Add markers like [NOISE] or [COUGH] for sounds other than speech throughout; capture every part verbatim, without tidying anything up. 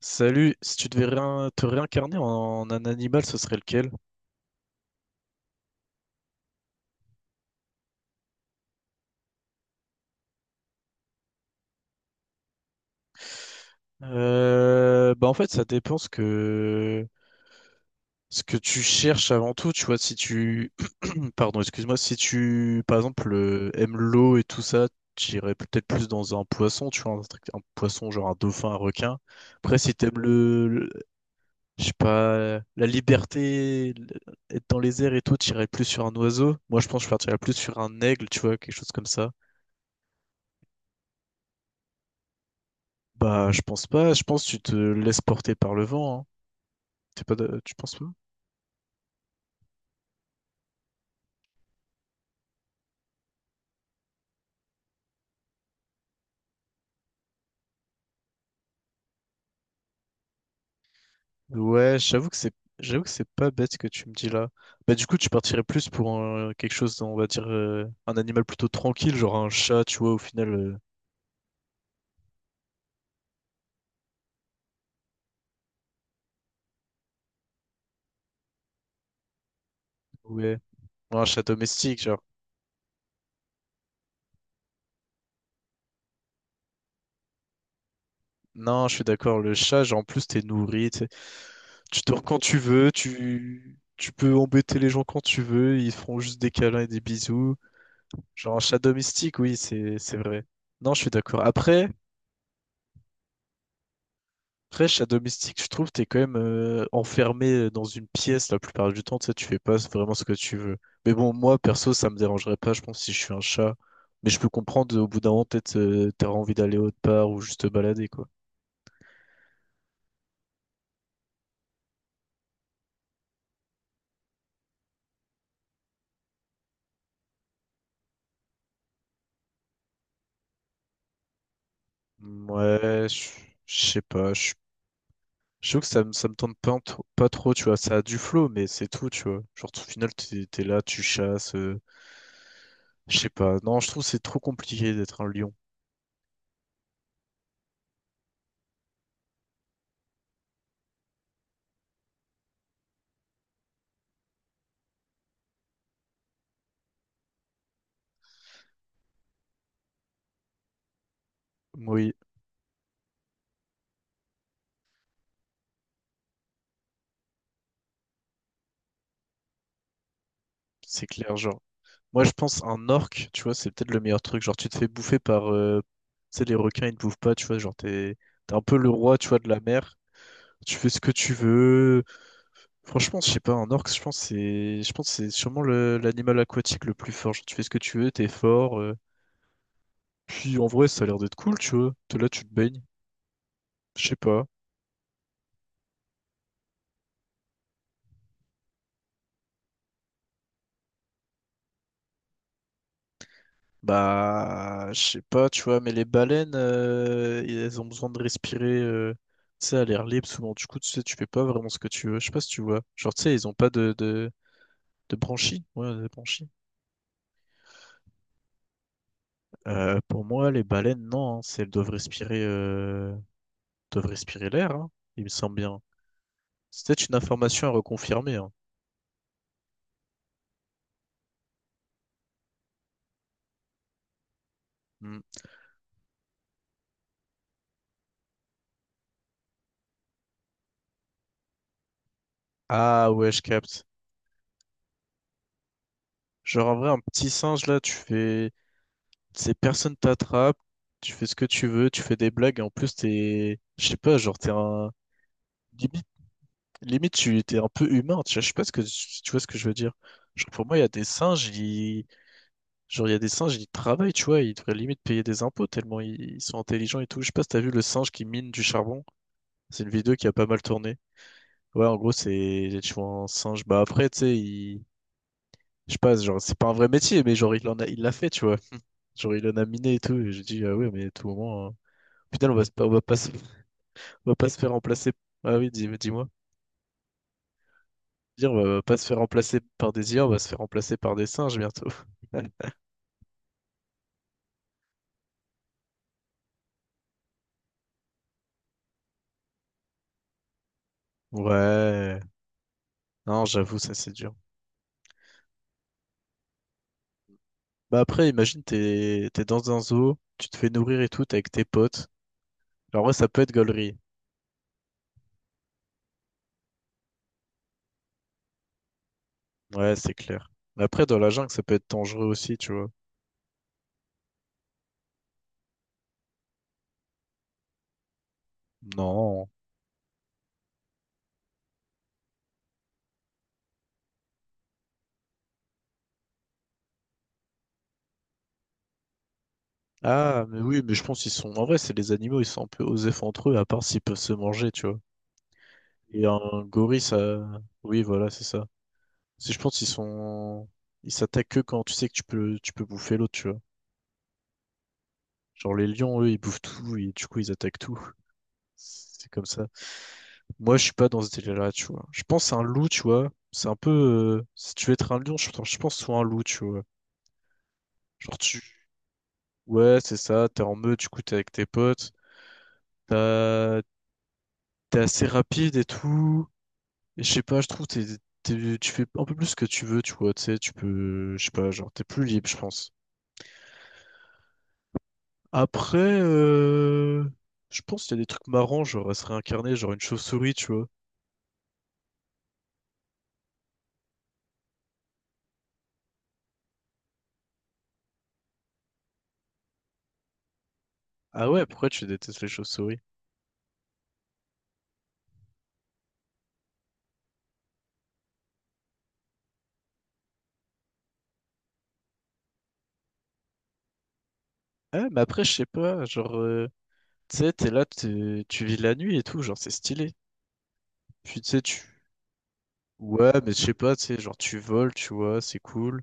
Salut, si tu devais réin- te réincarner en un animal, ce serait lequel? Euh, bah en fait, ça dépend ce que ce que tu cherches avant tout. Tu vois, si tu [CLEARS THROAT] pardon, excuse-moi, si tu par exemple euh, aimes l'eau et tout ça, j'irais peut-être plus dans un poisson. Tu vois, un, truc- un poisson genre un dauphin, un requin. Après, si t'aimes le, le- je sais pas, la liberté, le- être dans les airs et tout, t'irais plus sur un oiseau. Moi, je pense que je partirais plus sur un aigle. Tu vois, quelque chose comme ça. Bah, je pense pas. Je pense que tu te laisses porter par le vent. Hein. T'es pas de- Tu penses pas? Ouais, j'avoue que c'est j'avoue que c'est pas bête ce que tu me dis là. Bah du coup, tu partirais plus pour un- quelque chose, on va dire euh, un animal plutôt tranquille, genre un chat, tu vois, au final euh, ouais. Ouais, un chat domestique, genre. Non, je suis d'accord, le chat, genre en plus t'es nourri. Tu dors quand tu veux, tu, tu peux embêter les gens quand tu veux, ils feront juste des câlins et des bisous. Genre un chat domestique, oui, c'est c'est vrai. Non, je suis d'accord. Après, après, chat domestique, je trouve, t'es quand même euh, enfermé euh, dans une pièce la plupart du temps, tu sais, tu fais pas vraiment ce que tu veux. Mais bon, moi, perso, ça me dérangerait pas, je pense, si je suis un chat. Mais je peux comprendre, au bout d'un moment, peut-être, euh, t'auras envie d'aller autre part ou juste te balader, quoi. Ouais, je je sais pas, je suis je trouve que ça me, ça me tente pas, en tro- pas trop, tu vois. Ça a du flow, mais c'est tout, tu vois. Genre, au final, t'es, t'es là, tu chasses. euh, je sais pas. Non, je trouve que c'est trop compliqué d'être un lion. Oui, c'est clair. Genre, moi, je pense un orque, tu vois, c'est peut-être le meilleur truc. Genre, tu te fais bouffer par. euh, tu sais, les requins, ils te bouffent pas, tu vois. Genre, t'es, t'es un peu le roi, tu vois, de la mer. Tu fais ce que tu veux. Franchement, je sais pas, un orc, je pense que c'est je pense que c'est sûrement le- l'animal aquatique le plus fort. Genre, tu fais ce que tu veux, t'es fort. euh. Puis en vrai, ça a l'air d'être cool, tu vois. T'es là, tu te baignes. Je sais pas. Bah, je sais pas, tu vois, mais les baleines, euh, elles ont besoin de respirer, euh, tu sais, à l'air libre souvent. Du coup, tu sais, tu fais pas vraiment ce que tu veux. Je sais pas si tu vois. Genre, tu sais, ils ont pas de, de, de branchies. Ouais, de branchies. Euh, pour moi, les baleines, non, hein. C'est- Elles doivent respirer, euh, doivent respirer l'air, hein. Il me semble bien. C'est peut-être une information à reconfirmer, hein. Hmm. Ah ouais, je capte. Genre en vrai, un petit singe là, tu fais. Ces personnes t'attrapent, tu fais ce que tu veux, tu fais des blagues, et en plus t'es. Je sais pas, genre t'es un. Limite, limite tu t'es un peu humain, tu vois, je sais pas ce que si tu vois ce que je veux dire. Genre pour moi, il y a des singes, ils... genre il y a des singes, ils travaillent, tu vois, ils devraient limite payer des impôts tellement ils, ils sont intelligents et tout. Je sais pas si t'as vu le singe qui mine du charbon. C'est une vidéo qui a pas mal tourné. Ouais, en gros, c'est tu vois un singe. Bah après, tu sais, il je sais pas, genre, c'est pas un vrai métier, mais genre, il en a, il l'a fait, tu vois. Genre, il en a miné et tout. Et j'ai dit, ah ouais, mais à tout moment, euh, au on va, se- on va pas, se- on va pas se faire remplacer. Ah oui, dis, dis-moi. Dire, on va pas se faire remplacer par des I A, on va se faire remplacer par des singes bientôt. [LAUGHS] Ouais, non, j'avoue, ça c'est dur. Bah après, imagine, t'es t'es dans un zoo, tu te fais nourrir et tout, t'es avec tes potes. Alors ouais, ça peut être gaulerie. Ouais, c'est clair. Mais après, dans la jungle, ça peut être dangereux aussi, tu vois. Non. Ah, mais oui, mais je pense qu'ils sont. En vrai, c'est les animaux, ils sont un peu osef entre eux, à part s'ils peuvent se manger, tu vois. Et un gorille, ça. Oui, voilà, c'est ça. Si je pense qu'ils sont. Ils s'attaquent que quand tu sais que tu peux, tu peux bouffer l'autre, tu vois. Genre, les lions, eux, ils bouffent tout, et du coup, ils attaquent tout. C'est comme ça. Moi, je suis pas dans ce délire-là, tu vois. Je pense à un loup, tu vois. C'est un peu. euh, Si tu veux être un lion, je pense je pense soit un loup, tu vois. Genre, tu. Ouais, c'est ça, t'es en meute, du coup, t'es avec tes potes. T'as- T'es assez rapide et tout. Et je sais pas, je trouve que t'es- t'es- tu fais un peu plus ce que tu veux, tu vois, tu sais, tu peux, je sais pas, genre, t'es plus libre, je pense. Après, euh, je pense qu'il y a des trucs marrants, genre, à se réincarner, genre une chauve-souris, tu vois. Ah ouais, pourquoi tu détestes les chauves-souris? Ah, mais après, je sais pas, genre, euh, tu sais, t'es là, t'es- tu vis la nuit et tout, genre, c'est stylé. Puis, tu sais, tu... Ouais, mais je sais pas, tu sais, genre, tu voles, tu vois, c'est cool.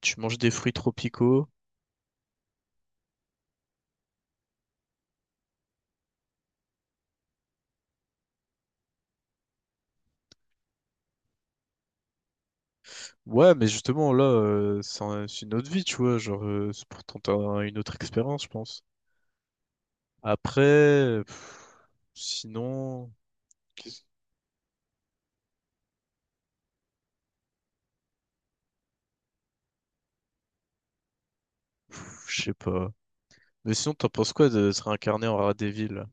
Tu manges des fruits tropicaux. Ouais, mais justement, là, euh, c'est un- c'est une autre vie, tu vois. Genre, euh, c'est pour tenter un- une autre expérience, je pense. Après, euh, pff, sinon, qu'est-ce- pff, je sais pas. Mais sinon, t'en penses quoi de se réincarner en rat des villes?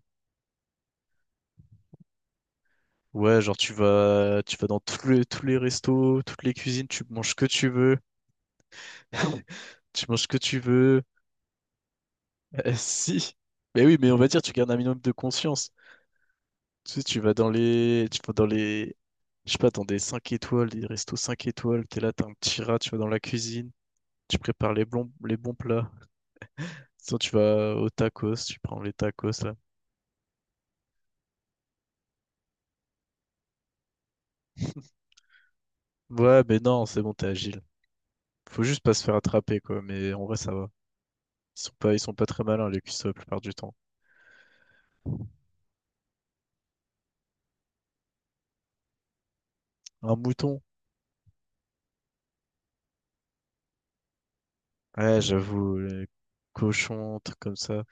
Ouais, genre, tu vas, tu vas dans tous les, tous les restos, toutes les cuisines, tu manges ce que tu veux, tu manges ce que tu veux. [LAUGHS] Euh, si. Mais oui, mais on va dire, tu gardes un minimum de conscience. Tu sais, tu vas dans les, tu vas dans les, je sais pas, dans des cinq étoiles, des restos cinq étoiles, t'es là, t'as un petit rat, tu vas dans la cuisine, tu prépares les bons, les bons plats. Sinon, tu vas au tacos, tu prends les tacos, là. Ouais, mais non, c'est bon, t'es agile. Faut juste pas se faire attraper, quoi, mais en vrai, ça va. Ils sont pas, ils sont pas très malins, les cuisses, la plupart du temps. Un mouton? Ouais, j'avoue, les cochons, un truc comme ça.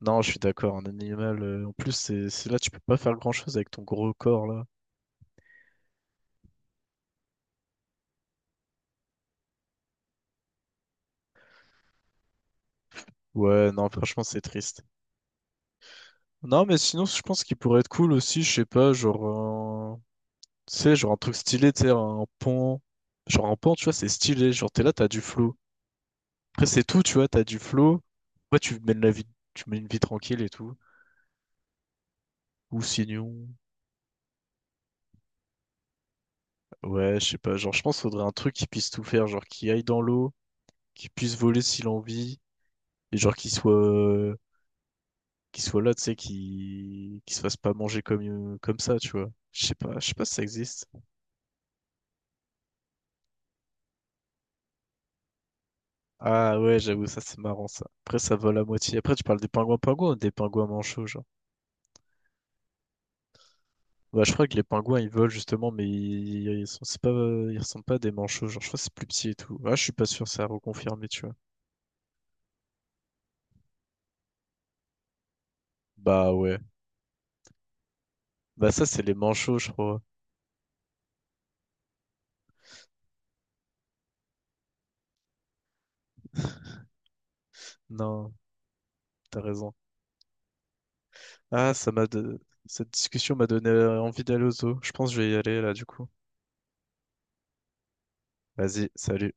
Non, je suis d'accord, un animal, euh, en plus, c'est, c'est là, tu peux pas faire grand-chose avec ton gros corps, là. Ouais, non, franchement, c'est triste. Non, mais sinon, je pense qu'il pourrait être cool aussi, je sais pas, genre, un- tu sais, genre un truc stylé, tu sais, un pont. Genre un pont, tu vois, c'est stylé. Genre, t'es là, t'as du flow. Après, c'est tout, tu vois, t'as du flow. Après, tu mènes la vie, tu mènes une vie tranquille et tout. Ou sinon, ouais, je sais pas, genre, je pense qu'il faudrait un truc qui puisse tout faire, genre, qui aille dans l'eau, qui puisse voler s'il en vit, et genre, qui soit, euh, qui soit là, tu sais, qui, qui se fasse pas manger comme, euh, comme ça, tu vois. Je sais pas, je sais pas si ça existe. Ah ouais, j'avoue, ça c'est marrant ça. Après, ça vole à moitié. Après, tu parles des pingouins pingouins ou des pingouins manchots, genre. Bah, je crois que les pingouins ils volent justement, mais ils, ils sont, c'est pas, ils ressemblent pas à des manchots, genre. Je crois que c'est plus petit et tout. Ah, je suis pas sûr, c'est à reconfirmer, tu vois. Bah ouais. Bah, ça c'est les manchots, je crois. Non, t'as raison. Ah, ça m'a de... cette discussion m'a donné envie d'aller au zoo. Je pense que je vais y aller là, du coup. Vas-y, salut.